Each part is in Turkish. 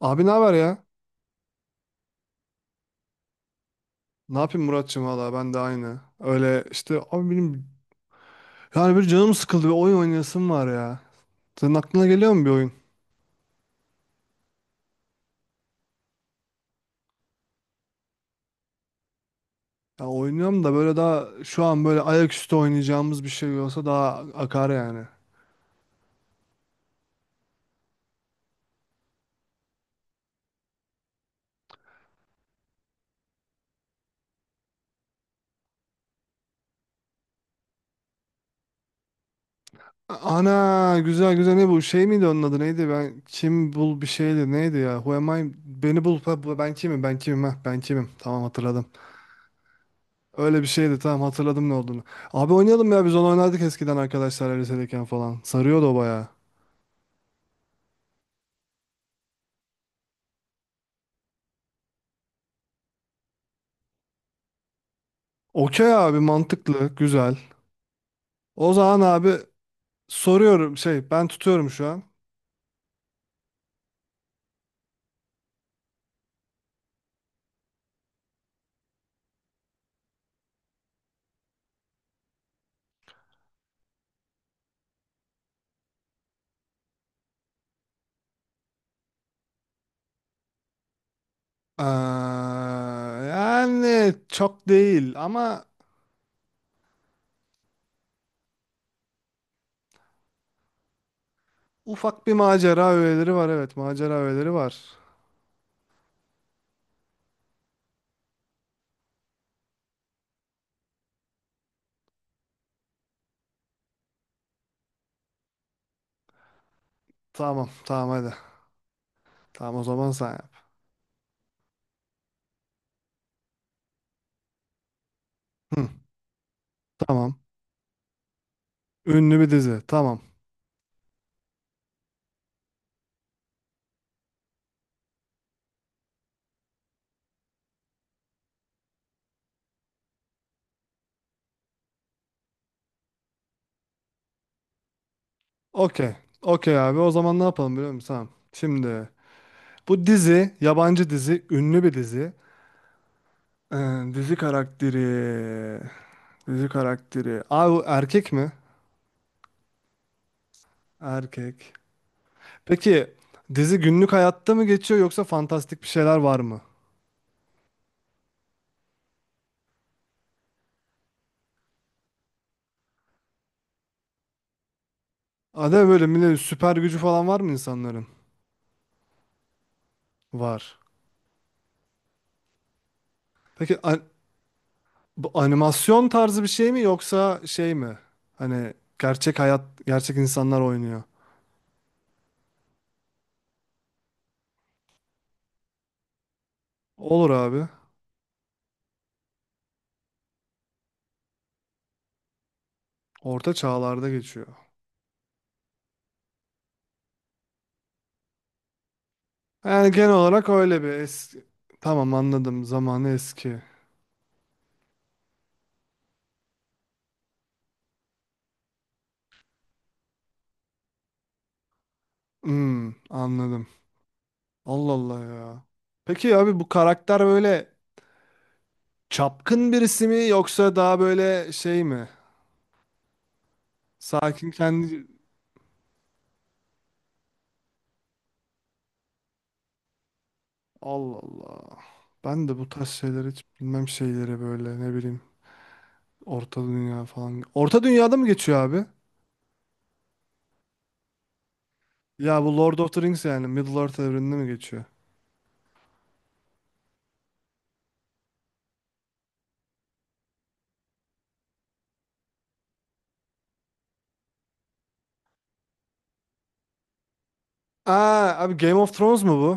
Abi ne haber ya? Ne yapayım Muratçım, valla ben de aynı. Öyle işte abi, benim yani bir canım sıkıldı, bir oyun oynayasım var ya. Senin aklına geliyor mu bir oyun? Ya oynuyorum da, böyle daha şu an böyle ayaküstü oynayacağımız bir şey olsa daha akar yani. Ana, güzel güzel. Ne bu, şey miydi, onun adı neydi, ben kim bul bir şeydi neydi ya, who am I, beni bul, ha, ben kimim, ben kimim, ha, ben kimim. Tamam, hatırladım. Öyle bir şeydi, tamam, hatırladım ne olduğunu. Abi oynayalım ya, biz onu oynardık eskiden arkadaşlarla lisedeyken falan, sarıyordu o bayağı. Okey abi, mantıklı, güzel. O zaman abi, soruyorum, şey, ben tutuyorum şu an. Ee, Yani çok değil ama ufak bir macera öğeleri var, evet, macera öğeleri var. Tamam tamam, hadi. Tamam, o zaman sen yap. Hı, tamam. Ünlü bir dizi, tamam. Okey. Okey abi, o zaman ne yapalım biliyor musun? Tamam. Şimdi bu dizi yabancı dizi, ünlü bir dizi. Ee, Dizi karakteri. Dizi karakteri. Abi bu erkek mi? Erkek. Peki dizi günlük hayatta mı geçiyor, yoksa fantastik bir şeyler var mı? Ada böyle millet süper gücü falan var mı insanların? Var. Peki bu animasyon tarzı bir şey mi, yoksa şey mi? Hani gerçek hayat, gerçek insanlar oynuyor. Olur abi. Orta çağlarda geçiyor. Yani genel olarak öyle bir eski... Tamam, anladım. Zamanı eski. Hmm, anladım. Allah Allah ya. Peki abi bu karakter böyle çapkın birisi mi, yoksa daha böyle şey mi? Sakin kendi... Allah Allah. Ben de bu tarz şeyleri hiç bilmem, şeyleri böyle ne bileyim. Orta Dünya falan. Orta Dünya'da mı geçiyor abi? Ya bu Lord of the Rings yani. Middle Earth evreninde mi geçiyor? Aa abi, Game of Thrones mu bu?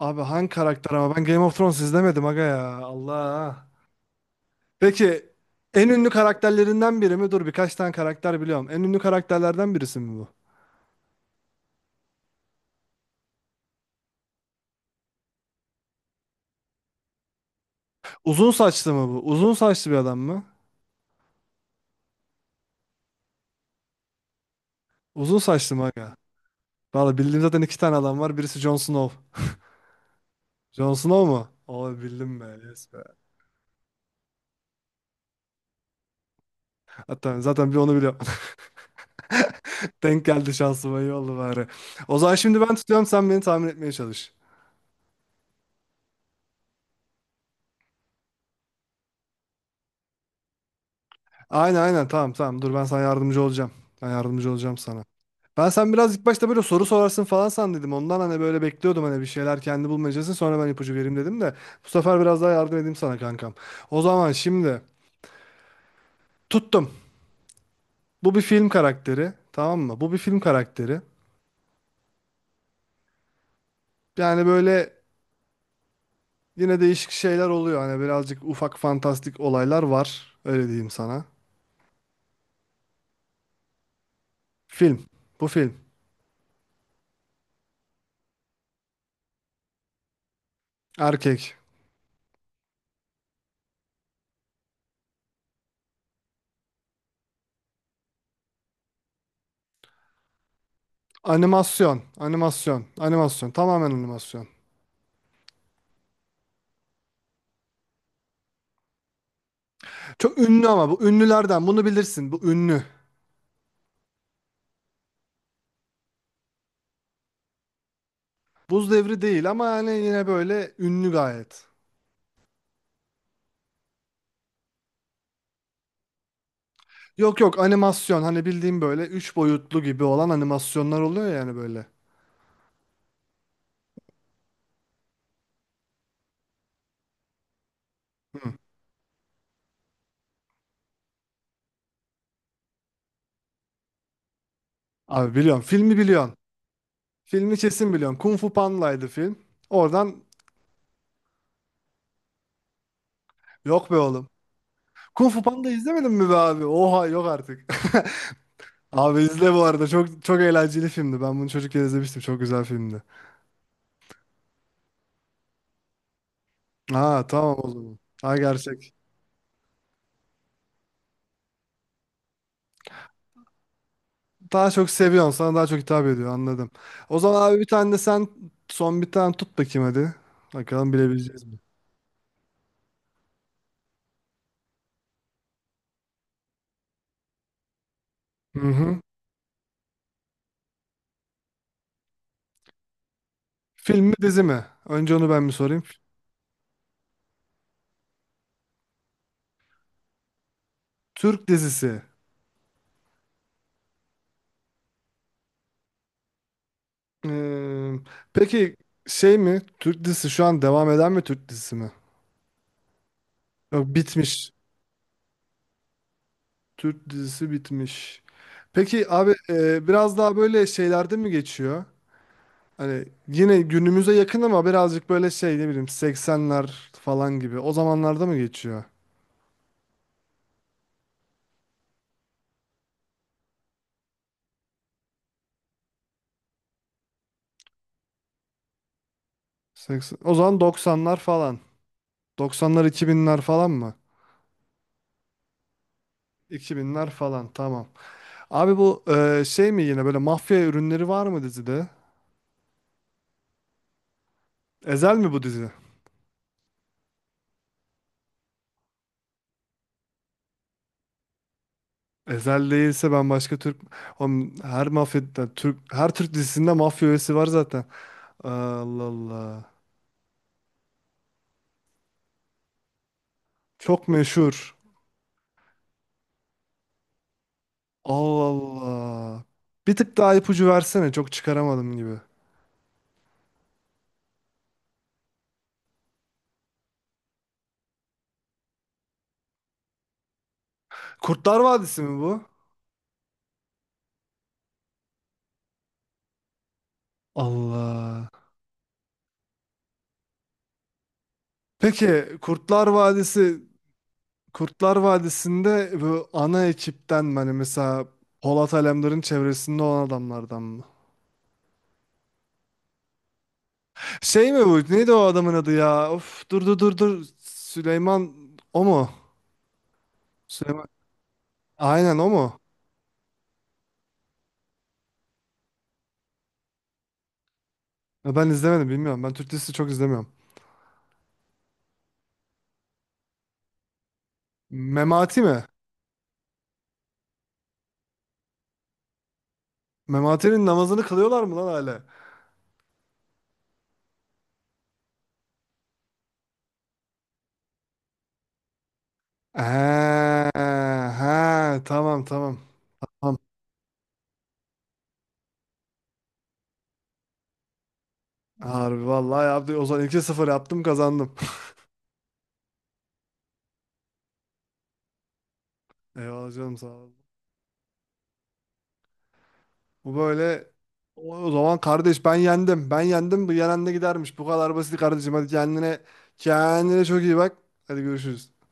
Abi hangi karakter ama, ben Game of Thrones izlemedim aga ya. Allah. Peki en ünlü karakterlerinden biri mi? Dur, birkaç tane karakter biliyorum. En ünlü karakterlerden birisi mi bu? Uzun saçlı mı bu? Uzun saçlı bir adam mı? Uzun saçlı mı aga? Valla bildiğim zaten iki tane adam var. Birisi Jon Snow. Jon Snow mu? O bildim be. Yes be. Hatta zaten bir onu biliyorum. Denk geldi şansıma, iyi oldu bari. O zaman şimdi ben tutuyorum, sen beni tahmin etmeye çalış. Aynen aynen, tamam tamam, dur ben sana yardımcı olacağım. Ben yardımcı olacağım sana. Sen biraz ilk başta böyle soru sorarsın falan sandıydım. Ondan hani böyle bekliyordum, hani bir şeyler kendi bulmayacaksın. Sonra ben ipucu vereyim dedim de. Bu sefer biraz daha yardım edeyim sana kankam. O zaman şimdi tuttum. Bu bir film karakteri. Tamam mı? Bu bir film karakteri. Yani böyle yine değişik şeyler oluyor. Hani birazcık ufak fantastik olaylar var. Öyle diyeyim sana. Film. Bu film. Erkek. Animasyon. Animasyon. Animasyon. Tamamen animasyon. Çok ünlü, ama bu ünlülerden, bunu bilirsin. Bu ünlü. Buz Devri değil, ama hani yine böyle ünlü gayet. Yok yok, animasyon, hani bildiğim böyle üç boyutlu gibi olan animasyonlar oluyor yani böyle. Abi biliyorum, filmi biliyorsun. Filmi kesin biliyorsun. Kung Fu Panda'ydı film. Oradan... Yok be oğlum, Kung Fu Panda izlemedin mi be abi? Oha, yok artık. Abi izle bu arada. Çok çok eğlenceli filmdi. Ben bunu çocukken izlemiştim. Çok güzel filmdi. Ha, tamam o zaman. Ha, gerçek. Daha çok seviyorsun. Sana daha çok hitap ediyor. Anladım. O zaman abi, bir tane de sen, son bir tane tut bakayım hadi. Bakalım bilebileceğiz mi? Hı hı. Film mi dizi mi? Önce onu ben bir sorayım. Türk dizisi. Ee, peki şey mi? Türk dizisi şu an devam eden mi, Türk dizisi mi? Yok, bitmiş. Türk dizisi bitmiş. Peki abi, biraz daha böyle şeylerde mi geçiyor? Hani yine günümüze yakın ama birazcık böyle şey, ne bileyim, 80'ler falan gibi. O zamanlarda mı geçiyor? 80, o zaman 90'lar falan. 90'lar 2000'ler falan mı? 2000'ler falan, tamam. Abi bu, şey mi, yine böyle mafya ürünleri var mı dizide? Ezel mi bu dizi? Ezel değilse ben başka Türk... Oğlum, her mafya Türk, her Türk dizisinde mafya üyesi var zaten. Allah Allah. Çok meşhur. Allah Allah. Bir tık daha ipucu versene. Çok çıkaramadım gibi. Kurtlar Vadisi mi bu? Allah. Peki Kurtlar Vadisi'nde bu ana ekipten, hani mesela Polat Alemdar'ın çevresinde olan adamlardan mı? Şey mi bu? Neydi o adamın adı ya? Of, dur dur dur dur. Süleyman, o mu? Süleyman. Aynen o mu? Ya, ben izlemedim, bilmiyorum. Ben Türk dizisi çok izlemiyorum. Memati mi? Memati'nin namazını kılıyorlar mı lan hala? Ha, ha, tamam tamam. Tamam. Harbi vallahi yaptı. O zaman iki sıfır yaptım, kazandım. Eyvallah canım, sağ ol. Bu böyle. O zaman kardeş, ben yendim. Ben yendim. Bu yenen de gidermiş. Bu kadar basit kardeşim. Hadi, kendine çok iyi bak. Hadi, görüşürüz.